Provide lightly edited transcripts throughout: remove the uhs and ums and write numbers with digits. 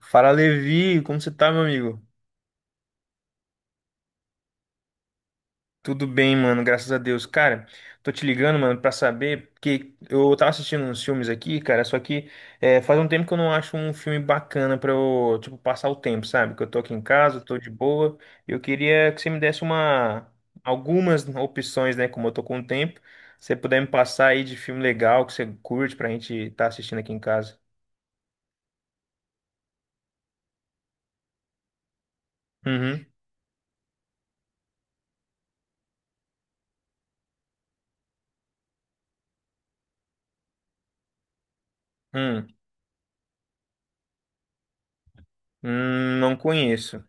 Fala, Levi, como você tá, meu amigo? Tudo bem, mano, graças a Deus. Cara, tô te ligando, mano, pra saber, porque eu tava assistindo uns filmes aqui, cara, só que faz um tempo que eu não acho um filme bacana pra eu, tipo, passar o tempo, sabe? Que eu tô aqui em casa, tô de boa, eu queria que você me desse uma, algumas opções, né, como eu tô com tempo, se você puder me passar aí de filme legal que você curte pra gente tá assistindo aqui em casa. Uhum. Hum, não conheço.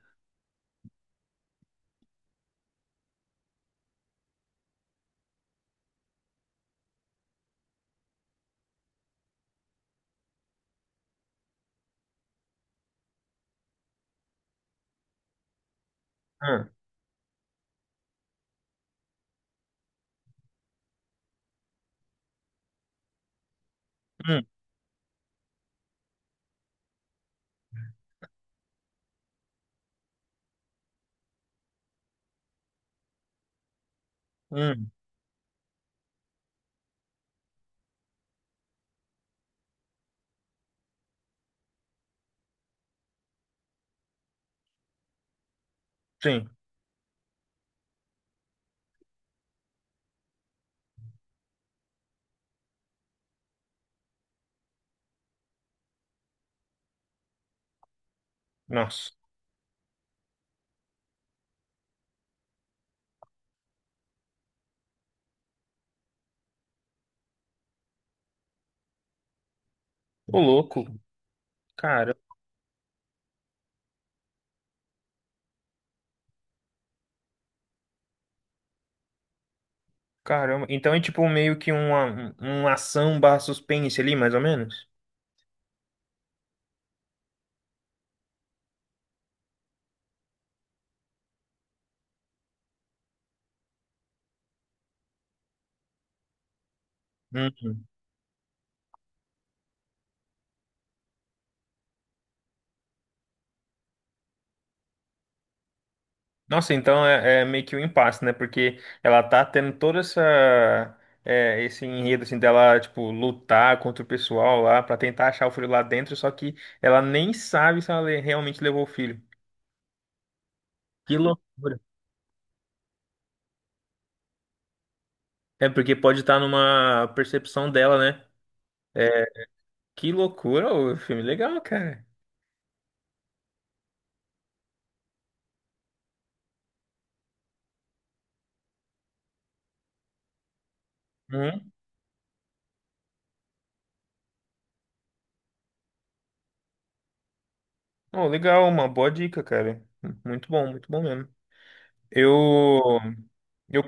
Hum, hum, hum, sim. Nossa. Ô, louco. Cara, caramba. Então é tipo meio que uma ação barra suspense ali, mais ou menos? Hum. Nossa, então é meio que um impasse, né? Porque ela tá tendo toda essa... é, esse enredo, assim, dela, tipo, lutar contra o pessoal lá pra tentar achar o filho lá dentro, só que ela nem sabe se ela realmente levou o filho. Que loucura. É porque pode estar numa percepção dela, né? É, que loucura, o filme legal, cara. Hum. Oh, legal, uma boa dica, cara. Muito bom mesmo. Eu, eu,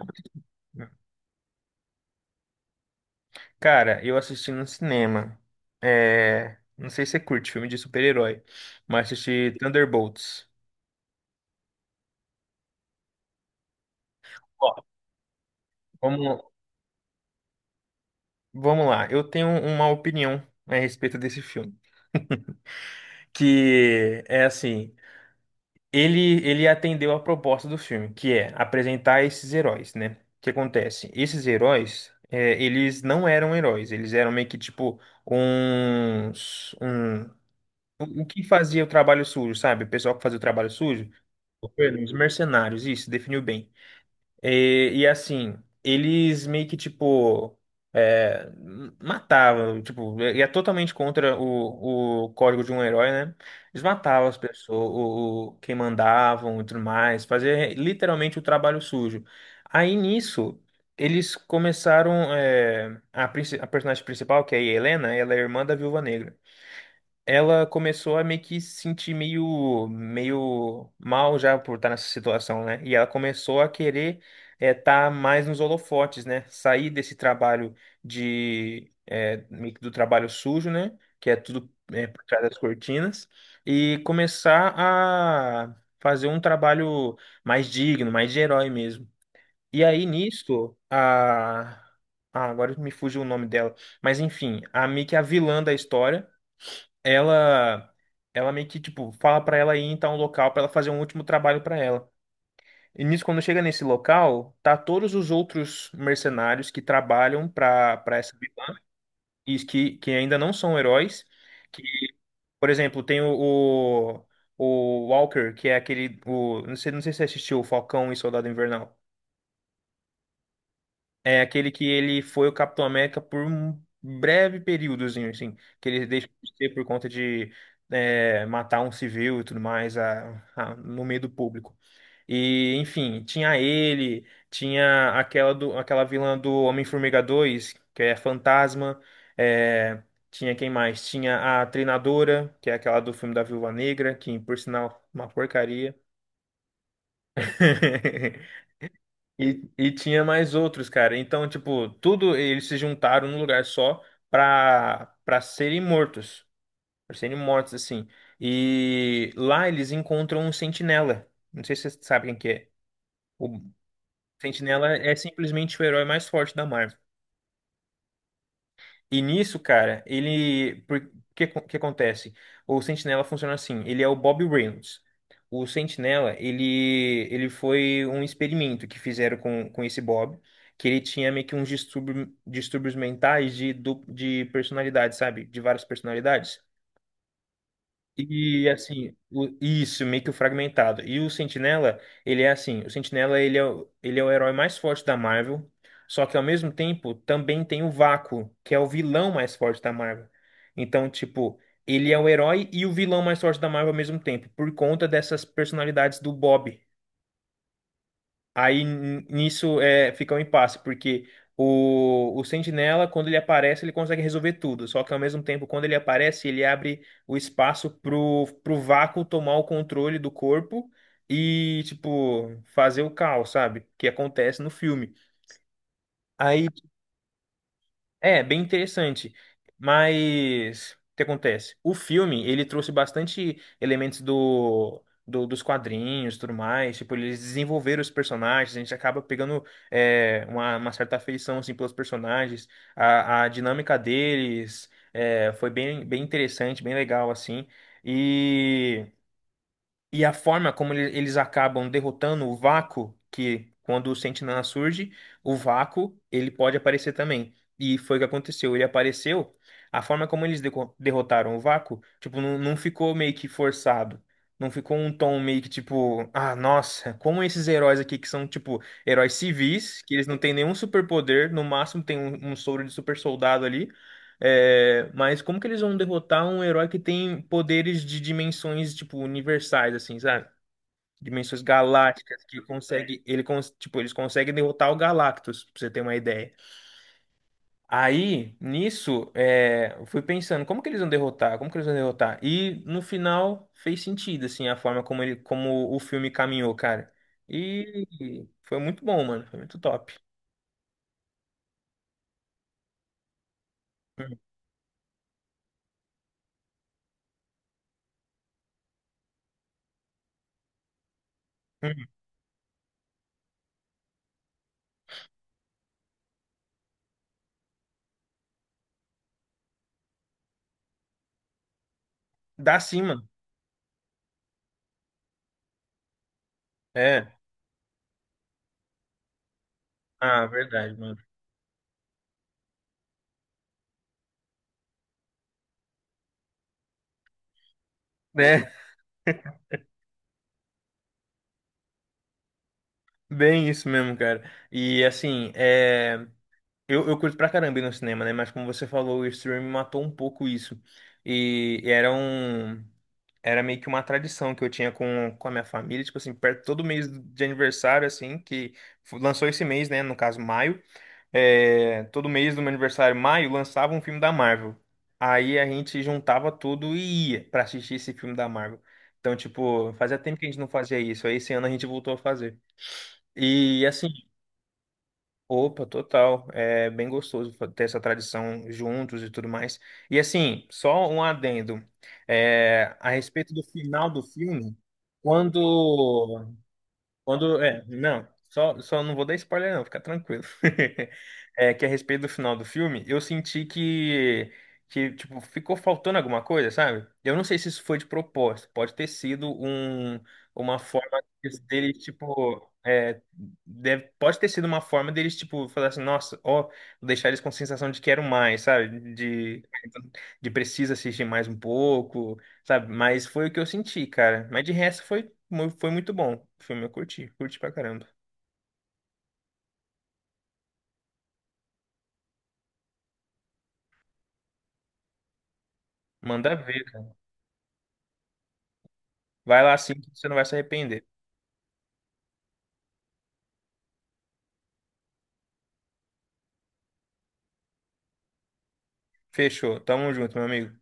cara, eu assisti no cinema. É, não sei se você curte filme de super-herói, mas assisti Thunderbolts. Ó, Vamos, vamos lá. Eu tenho uma opinião a respeito desse filme, que é assim. Ele atendeu a proposta do filme, que é apresentar esses heróis, né? O que acontece? Esses heróis, é, eles não eram heróis, eles eram meio que tipo uns, um, o que fazia o trabalho sujo, sabe? O pessoal que fazia o trabalho sujo, os mercenários, isso, definiu bem. E, assim, eles meio que, tipo, é, matavam, tipo, e é totalmente contra o código de um herói, né? Eles matavam as pessoas, quem mandavam e tudo mais, fazia literalmente o trabalho sujo. Aí nisso, eles começaram, é, a personagem principal, que é a Helena, ela é irmã da Viúva Negra. Ela começou a meio que se sentir meio mal já por estar nessa situação, né? E ela começou a querer estar mais nos holofotes, né? Sair desse trabalho de é, meio que do trabalho sujo, né? Que é tudo é, por trás das cortinas e começar a fazer um trabalho mais digno, mais de herói mesmo. E aí nisto a ah, agora me fugiu o nome dela, mas enfim, a meio que a vilã da história ela ela meio que tipo fala pra ela ir então a um local pra ela fazer um último trabalho pra ela. E nisso quando chega nesse local, tá todos os outros mercenários que trabalham pra para essa vilã e que ainda não são heróis, que por exemplo, tem o Walker, que é aquele o não sei, não sei se você assistiu o Falcão e Soldado Invernal. É aquele que ele foi o Capitão América por um breve períodozinho, assim, que ele deixa de ser por conta de é, matar um civil e tudo mais no meio do público. E, enfim, tinha ele, tinha aquela vilã do Homem-Formiga 2, que é Fantasma, é, tinha quem mais? Tinha a Treinadora, que é aquela do filme da Viúva Negra, que, por sinal, uma porcaria. E, e tinha mais outros, cara. Então, tipo, tudo eles se juntaram num lugar só pra serem mortos. Pra serem mortos, assim. E lá eles encontram um sentinela. Não sei se vocês sabem quem que é. O sentinela é simplesmente o herói mais forte da Marvel. E nisso, cara, ele. Por que que acontece? O Sentinela funciona assim, ele é o Bob Reynolds. O Sentinela, ele foi um experimento que fizeram com esse Bob, que ele tinha meio que distúrbios mentais de, de personalidade, sabe? De várias personalidades. E assim, isso, meio que o fragmentado. E o Sentinela, ele é assim, o Sentinela ele é, ele é o herói mais forte da Marvel, só que ao mesmo tempo também tem o Vácuo, que é o vilão mais forte da Marvel. Então, tipo, ele é o herói e o vilão mais forte da Marvel ao mesmo tempo, por conta dessas personalidades do Bob. Aí nisso é, fica um impasse, porque o Sentinela, quando ele aparece, ele consegue resolver tudo. Só que ao mesmo tempo, quando ele aparece, ele abre o espaço pro vácuo tomar o controle do corpo e, tipo, fazer o caos, sabe? Que acontece no filme. Aí é, bem interessante. Mas o que acontece? O filme, ele trouxe bastante elementos dos quadrinhos, e tudo mais. Tipo, eles desenvolveram os personagens, a gente acaba pegando é, uma certa afeição assim pelos personagens. A dinâmica deles é, foi bem interessante, bem legal assim. E e a forma como eles acabam derrotando o vácuo, que quando o Sentinela surge, o vácuo, ele pode aparecer também. E foi o que aconteceu. Ele apareceu, a forma como eles derrotaram o vácuo, tipo, não ficou meio que forçado. Não ficou um tom meio que tipo, ah, nossa, como esses heróis aqui que são, tipo, heróis civis, que eles não têm nenhum superpoder, no máximo tem um soro de super soldado ali. É, mas como que eles vão derrotar um herói que tem poderes de dimensões, tipo, universais, assim, sabe? Dimensões galácticas, que consegue, ele, tipo, eles conseguem derrotar o Galactus, pra você ter uma ideia. Aí, nisso, é, eu fui pensando, como que eles vão derrotar? Como que eles vão derrotar? E, no final, fez sentido, assim, a forma como ele, como o filme caminhou, cara. E foi muito bom, mano, foi muito top. Hum, hum. Dá sim, mano. É, ah, verdade, mano. É. Bem isso mesmo, cara. E assim, é... eu curto pra caramba ir no cinema, né? Mas como você falou, o streaming matou um pouco isso. E era um... Era meio que uma tradição que eu tinha com a minha família, tipo assim, perto todo mês de aniversário, assim, que lançou esse mês, né? No caso, maio. É... Todo mês do meu aniversário, maio, lançava um filme da Marvel. Aí a gente juntava tudo e ia pra assistir esse filme da Marvel. Então, tipo, fazia tempo que a gente não fazia isso. Aí esse ano a gente voltou a fazer. E assim. Opa, total. É bem gostoso ter essa tradição juntos e tudo mais. E assim, só um adendo. É, a respeito do final do filme, quando quando, é, não, só não vou dar spoiler não, fica tranquilo. É que a respeito do final do filme, eu senti que, tipo, ficou faltando alguma coisa, sabe? Eu não sei se isso foi de propósito, pode ter sido um, uma forma deles, tipo, é, pode ter sido uma forma deles, tipo, falar assim, nossa, ó, vou deixar eles com sensação de quero mais, sabe? De precisa assistir mais um pouco sabe? Mas foi o que eu senti, cara. Mas de resto foi, foi muito bom. O filme eu curti, curti pra caramba. Manda ver, cara. Vai lá sim que você não vai se arrepender. Fechou. Tamo junto, meu amigo.